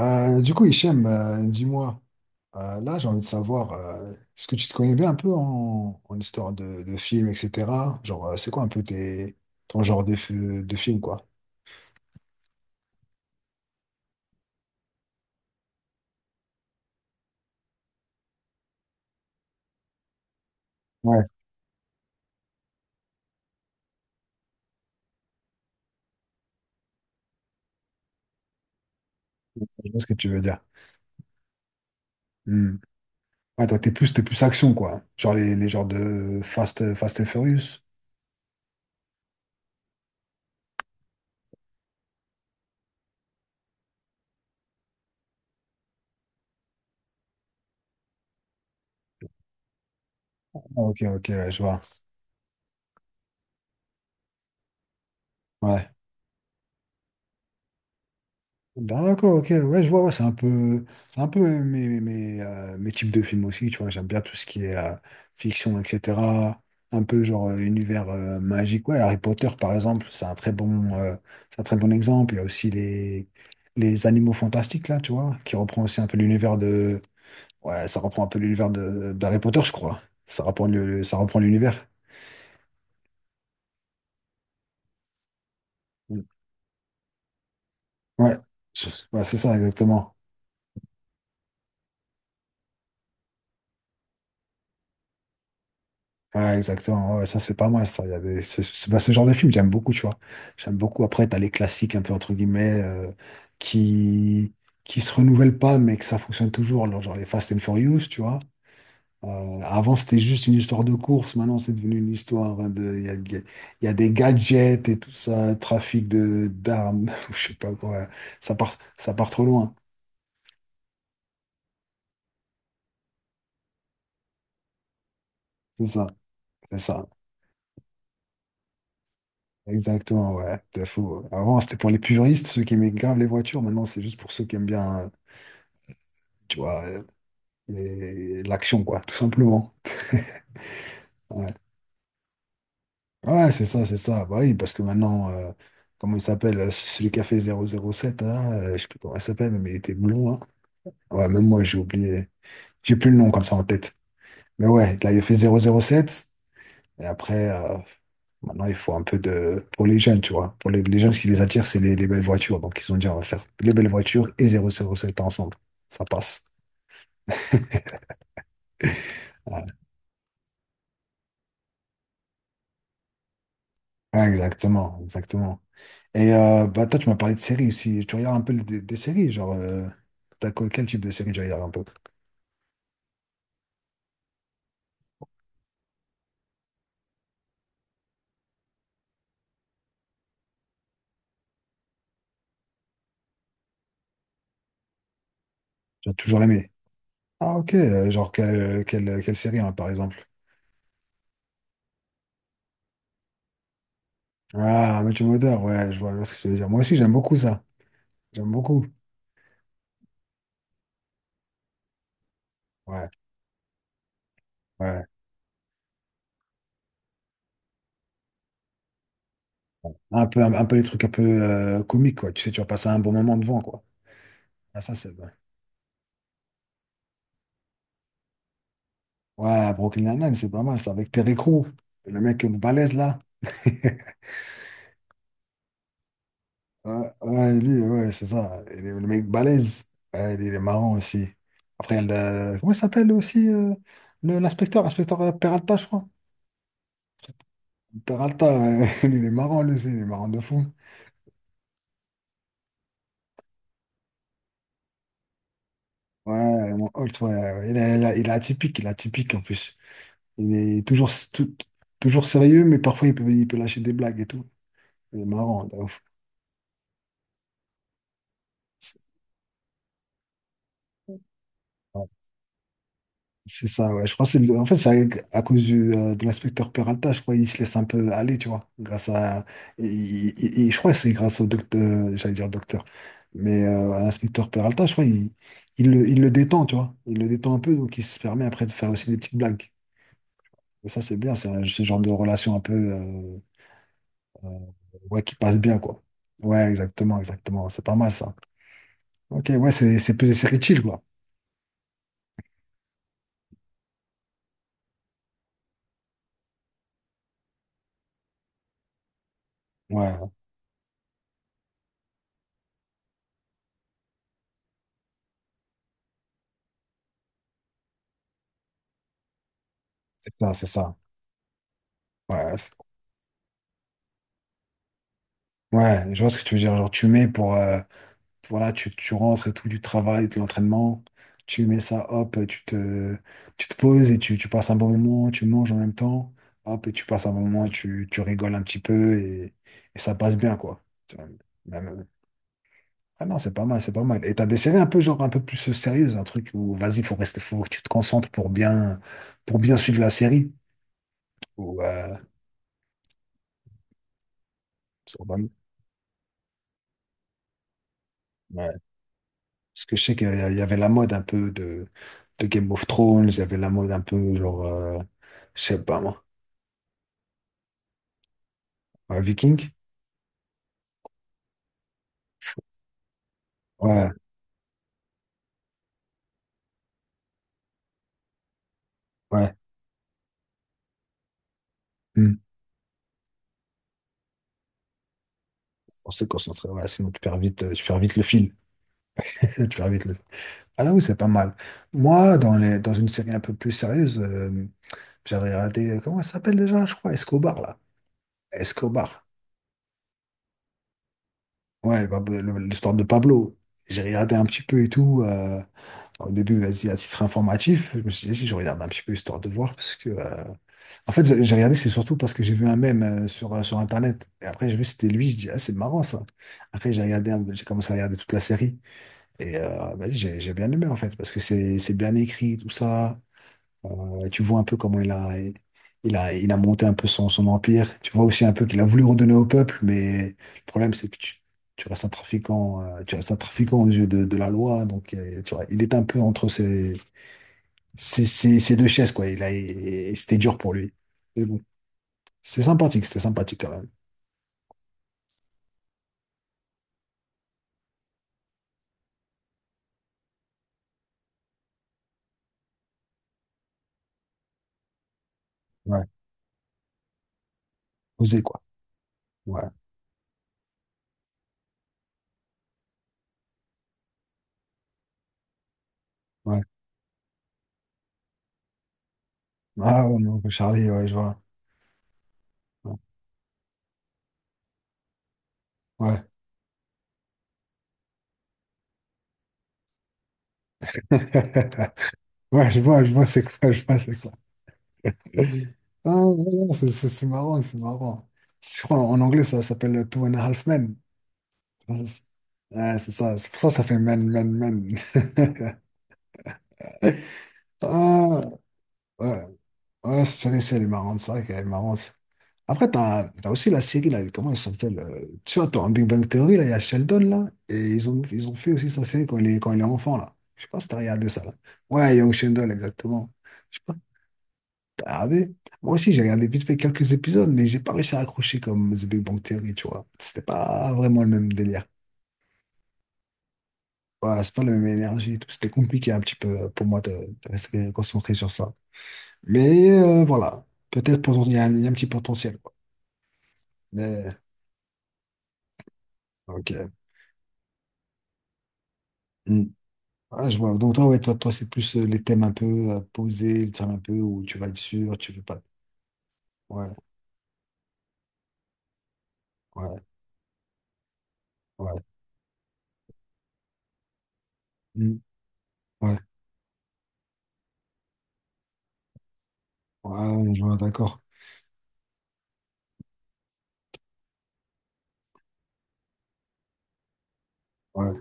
Du coup, Hichem, dis-moi, là j'ai envie de savoir, est-ce que tu te connais bien un peu en histoire de films, etc. Genre, c'est quoi un peu ton genre de film, quoi? Ouais, je vois ce que tu veux dire. Hmm. Ouais, toi, t'es plus action, quoi. Genre les genres de Fast and Furious. Ah, ok, ok, ouais, je vois. Ouais. D'accord, ok, ouais, je vois, ouais, c'est un peu mes types de films aussi, tu vois, j'aime bien tout ce qui est fiction, etc. Un peu genre univers magique, ouais, Harry Potter par exemple, c'est un très bon exemple. Il y a aussi les animaux fantastiques là, tu vois, qui reprend aussi un peu l'univers de, ouais, ça reprend un peu l'univers de d'Harry Potter, je crois. Ça reprend l'univers. Mm. Ouais, ouais, c'est ça exactement. Ouais, exactement. Ouais, ouais, ça, c'est pas mal, ça. Il y avait ce, ce- Bah, ce genre de film, j'aime beaucoup, tu vois. J'aime beaucoup. Après, t'as les classiques, un peu, entre guillemets, qui, qui se renouvellent pas, mais que ça fonctionne toujours. Genre les Fast and Furious, tu vois. Avant, c'était juste une histoire de course. Maintenant, c'est devenu une histoire hein, de. Il y a, il y a- il y a des gadgets et tout ça, trafic de d'armes, ou je sais pas quoi. Ça part trop loin. C'est ça, c'est ça. Exactement, ouais. De fou. Avant, c'était pour les puristes, ceux qui aimaient grave les voitures. Maintenant, c'est juste pour ceux qui aiment bien. Tu vois, et l'action, quoi, tout simplement. Ouais, ouais, c'est ça, c'est ça. Bah oui, parce que maintenant, comment il s'appelle, celui qui a fait 007, là, je sais plus comment il s'appelle, mais il était blond, hein. Ouais, même moi, j'ai oublié. J'ai plus le nom comme ça en tête. Mais ouais, là, il a fait 007. Et après, maintenant, il faut un peu de... Pour les jeunes, tu vois. Pour les jeunes, ce qui les attire, c'est les belles voitures. Donc, ils ont dit, on va faire les belles voitures et 007 ensemble. Ça passe. Ouais, ouais, exactement, exactement. Bah toi, tu m'as parlé de séries aussi. Tu regardes un peu des séries, genre, quel type de série tu regardes un peu? Tu as toujours aimé. Ah ok, genre quelle série hein, par exemple? Ah, Matthew Modeur, ouais, je vois ce que tu veux dire. Moi aussi, j'aime beaucoup ça. J'aime beaucoup. Ouais, ouais, ouais. Un peu les trucs un peu comiques, quoi. Tu sais, tu vas passer un bon moment devant, quoi. Ah, ça, c'est... Ouais, Brooklyn Nine-Nine, c'est pas mal, ça, avec Terry Crew le mec balèze, là. Ouais, ouais, lui, ouais, c'est ça. Le mec balèze. Ouais, il est marrant aussi. Après, comment il s'appelle aussi l'inspecteur? Inspecteur Peralta, je crois. Peralta, ouais, il est marrant, lui aussi. Il est marrant de fou. Ouais, mon Holt, ouais, ouais, il est atypique en plus. Il est toujours, toujours sérieux, mais parfois il peut lâcher des blagues et tout. Il est marrant, de ouf. C'est ça, ouais. Je pense que en fait, à cause de l'inspecteur Peralta, je crois il se laisse un peu aller, tu vois. Grâce à. Et je crois que c'est grâce au docteur, j'allais dire docteur, mais à l'inspecteur Peralta, je crois il le détend, tu vois. Il le détend un peu, donc il se permet après de faire aussi des petites blagues. Et ça, c'est bien, ce genre de relation un peu. Euh, ouais, qui passe bien, quoi. Ouais, exactement, exactement. C'est pas mal, ça. Ok, ouais, c'est plus des séries chill, quoi. Ouais, c'est ça, c'est ça. Ouais, ouais, je vois ce que tu veux dire. Genre, tu mets pour, voilà, tu rentres et tout du travail, de l'entraînement, tu mets ça, hop, tu te poses et tu passes un bon moment, tu manges en même temps, hop, et tu passes un bon moment, tu rigoles un petit peu et ça passe bien, quoi. Tu vois, même, ah non, c'est pas mal, c'est pas mal. Et t'as des séries un peu genre un peu plus sérieuses, un truc où vas-y, faut rester, faut que tu te concentres pour bien suivre la série. Ou, ouais. Parce que je sais il y avait la mode un peu de Game of Thrones, il y avait la mode un peu genre, je sais pas moi, Viking. Ouais, ouais. Hmm. On s'est concentré, ouais, sinon tu perds vite le fil. Tu perds vite le Ah là oui, c'est pas mal. Moi, dans une série un peu plus sérieuse, j'avais regardé, comment ça s'appelle déjà, je crois, Escobar, là. Escobar. Ouais, bah, l'histoire de Pablo. J'ai regardé un petit peu et tout. Au début, vas-y, à titre informatif, je me suis dit, si je regarde un petit peu histoire de voir, parce que. En fait, j'ai regardé, c'est surtout parce que j'ai vu un mème sur Internet. Et après, j'ai vu, c'était lui. Je dis, ah, c'est marrant ça. Après, j'ai commencé à regarder toute la série. Vas-y, j'ai bien aimé, en fait, parce que c'est bien écrit, tout ça. Tu vois un peu comment il a monté un peu son empire. Tu vois aussi un peu qu'il a voulu redonner au peuple, mais le problème, c'est que tu restes un trafiquant aux yeux de la loi. Donc, tu vois, il est un peu entre ces deux chaises, quoi. Et c'était dur pour lui. Mais bon, c'est sympathique, c'était sympathique quand même. Ouais, osé, quoi. Ouais, ouais. Ah, ouais, non, Charlie, ouais, je vois. Ouais. Ouais, ouais, je vois, c'est quoi, je vois, c'est quoi. Ah, non, non, c'est marrant, c'est marrant. Je crois en anglais, ça s'appelle Two and a Half Men. Ouais, c'est ça, c'est pour ça que ça fait men, men, men. Ah, ouais, ouais, cette série, c'est elle est marrante, c'est vrai qu'elle est marrante. Après, t'as aussi la série, là, comment elle s'appelle? Tu vois, dans Big Bang Theory, là, il y a Sheldon, là, et ils ont fait aussi sa série quand il est enfant, là. Je sais pas si t'as regardé ça, là. Ouais, Young Sheldon, exactement. T'as regardé? Moi aussi, j'ai regardé vite fait quelques épisodes, mais j'ai pas réussi à accrocher comme The Big Bang Theory, tu vois. C'était pas vraiment le même délire. Ouais, c'est pas la même énergie et tout. C'était compliqué un petit peu pour moi de rester concentré sur ça. Mais voilà, il y a un petit potentiel, quoi. Mais, ok. Hmm. Ouais, je vois. Donc toi, ouais, toi, c'est plus les thèmes un peu posés, les thèmes un peu où tu vas être sûr, tu veux pas. Ouais, ouais, ouais. Hmm. Ouais, ouais, je vois, d'accord. Ouais.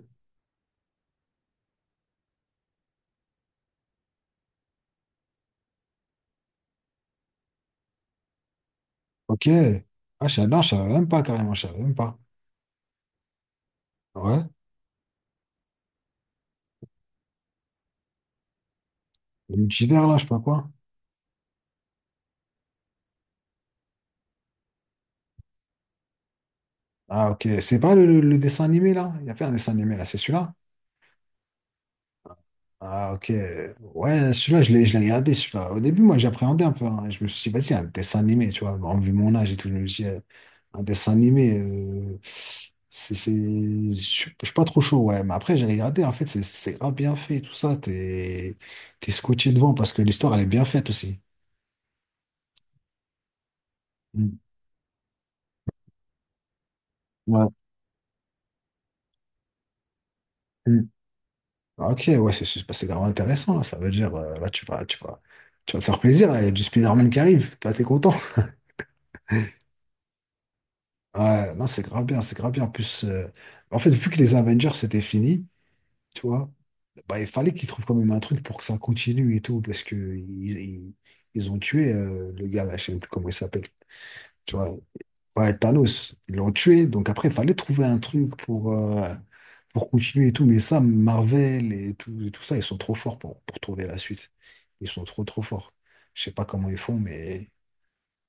Ok. Ah, non, je savais même pas carrément, je savais même pas. Ouais. Le multivers, là, je sais pas quoi. Ah, ok. C'est pas le dessin animé, là? Il y a fait un dessin animé, là, c'est celui-là? Ah, ok. Ouais, celui-là, je l'ai regardé, celui-là. Au début, moi, j'appréhendais un peu, hein. Je me suis dit, vas-y, un dessin animé, tu vois. Bon, vu mon âge et tout, je me suis dit, un dessin animé, Je suis pas trop chaud, ouais. Mais après, j'ai regardé, en fait, c'est grave bien fait, tout ça. T'es scotché devant parce que l'histoire, elle est bien faite aussi. Mm. Ouais. Ah, ok, ouais, c'est grave intéressant, là. Ça veut dire, là, tu vas te faire plaisir, là. Il y a du Spider-Man qui arrive. Toi, t'es content. Ouais, non, c'est grave bien, c'est grave bien. En plus, en fait, vu que les Avengers, c'était fini, tu vois, bah, il fallait qu'ils trouvent quand même un truc pour que ça continue et tout, parce que ils ont tué, le gars, là, je sais plus comment il s'appelle. Tu vois, ouais, Thanos, ils l'ont tué. Donc après, il fallait trouver un truc pour continuer et tout. Mais ça, Marvel et tout ça, ils sont trop forts pour trouver la suite. Ils sont trop, trop forts. Je sais pas comment ils font, mais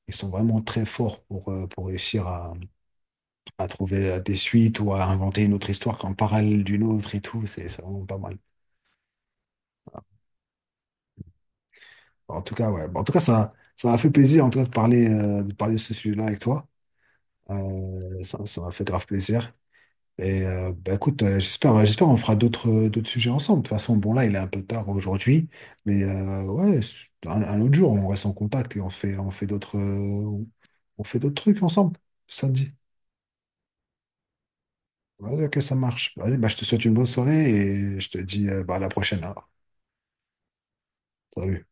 ils sont vraiment très forts pour réussir à trouver des suites ou à inventer une autre histoire en parallèle d'une autre et tout. C'est vraiment pas mal. En tout cas, ouais. Bon, en tout cas, ça m'a fait plaisir en tout cas, de parler de ce sujet-là avec toi. Ça m'a fait grave plaisir. Bah écoute, j'espère on fera d'autres sujets ensemble. De toute façon, bon là, il est un peu tard aujourd'hui, mais ouais, un autre jour, on reste en contact et on fait d'autres trucs ensemble. Ça te dit? Vas-y, ok, ça marche. Vas-y, bah je te souhaite une bonne soirée et je te dis bah, à la prochaine alors. Salut.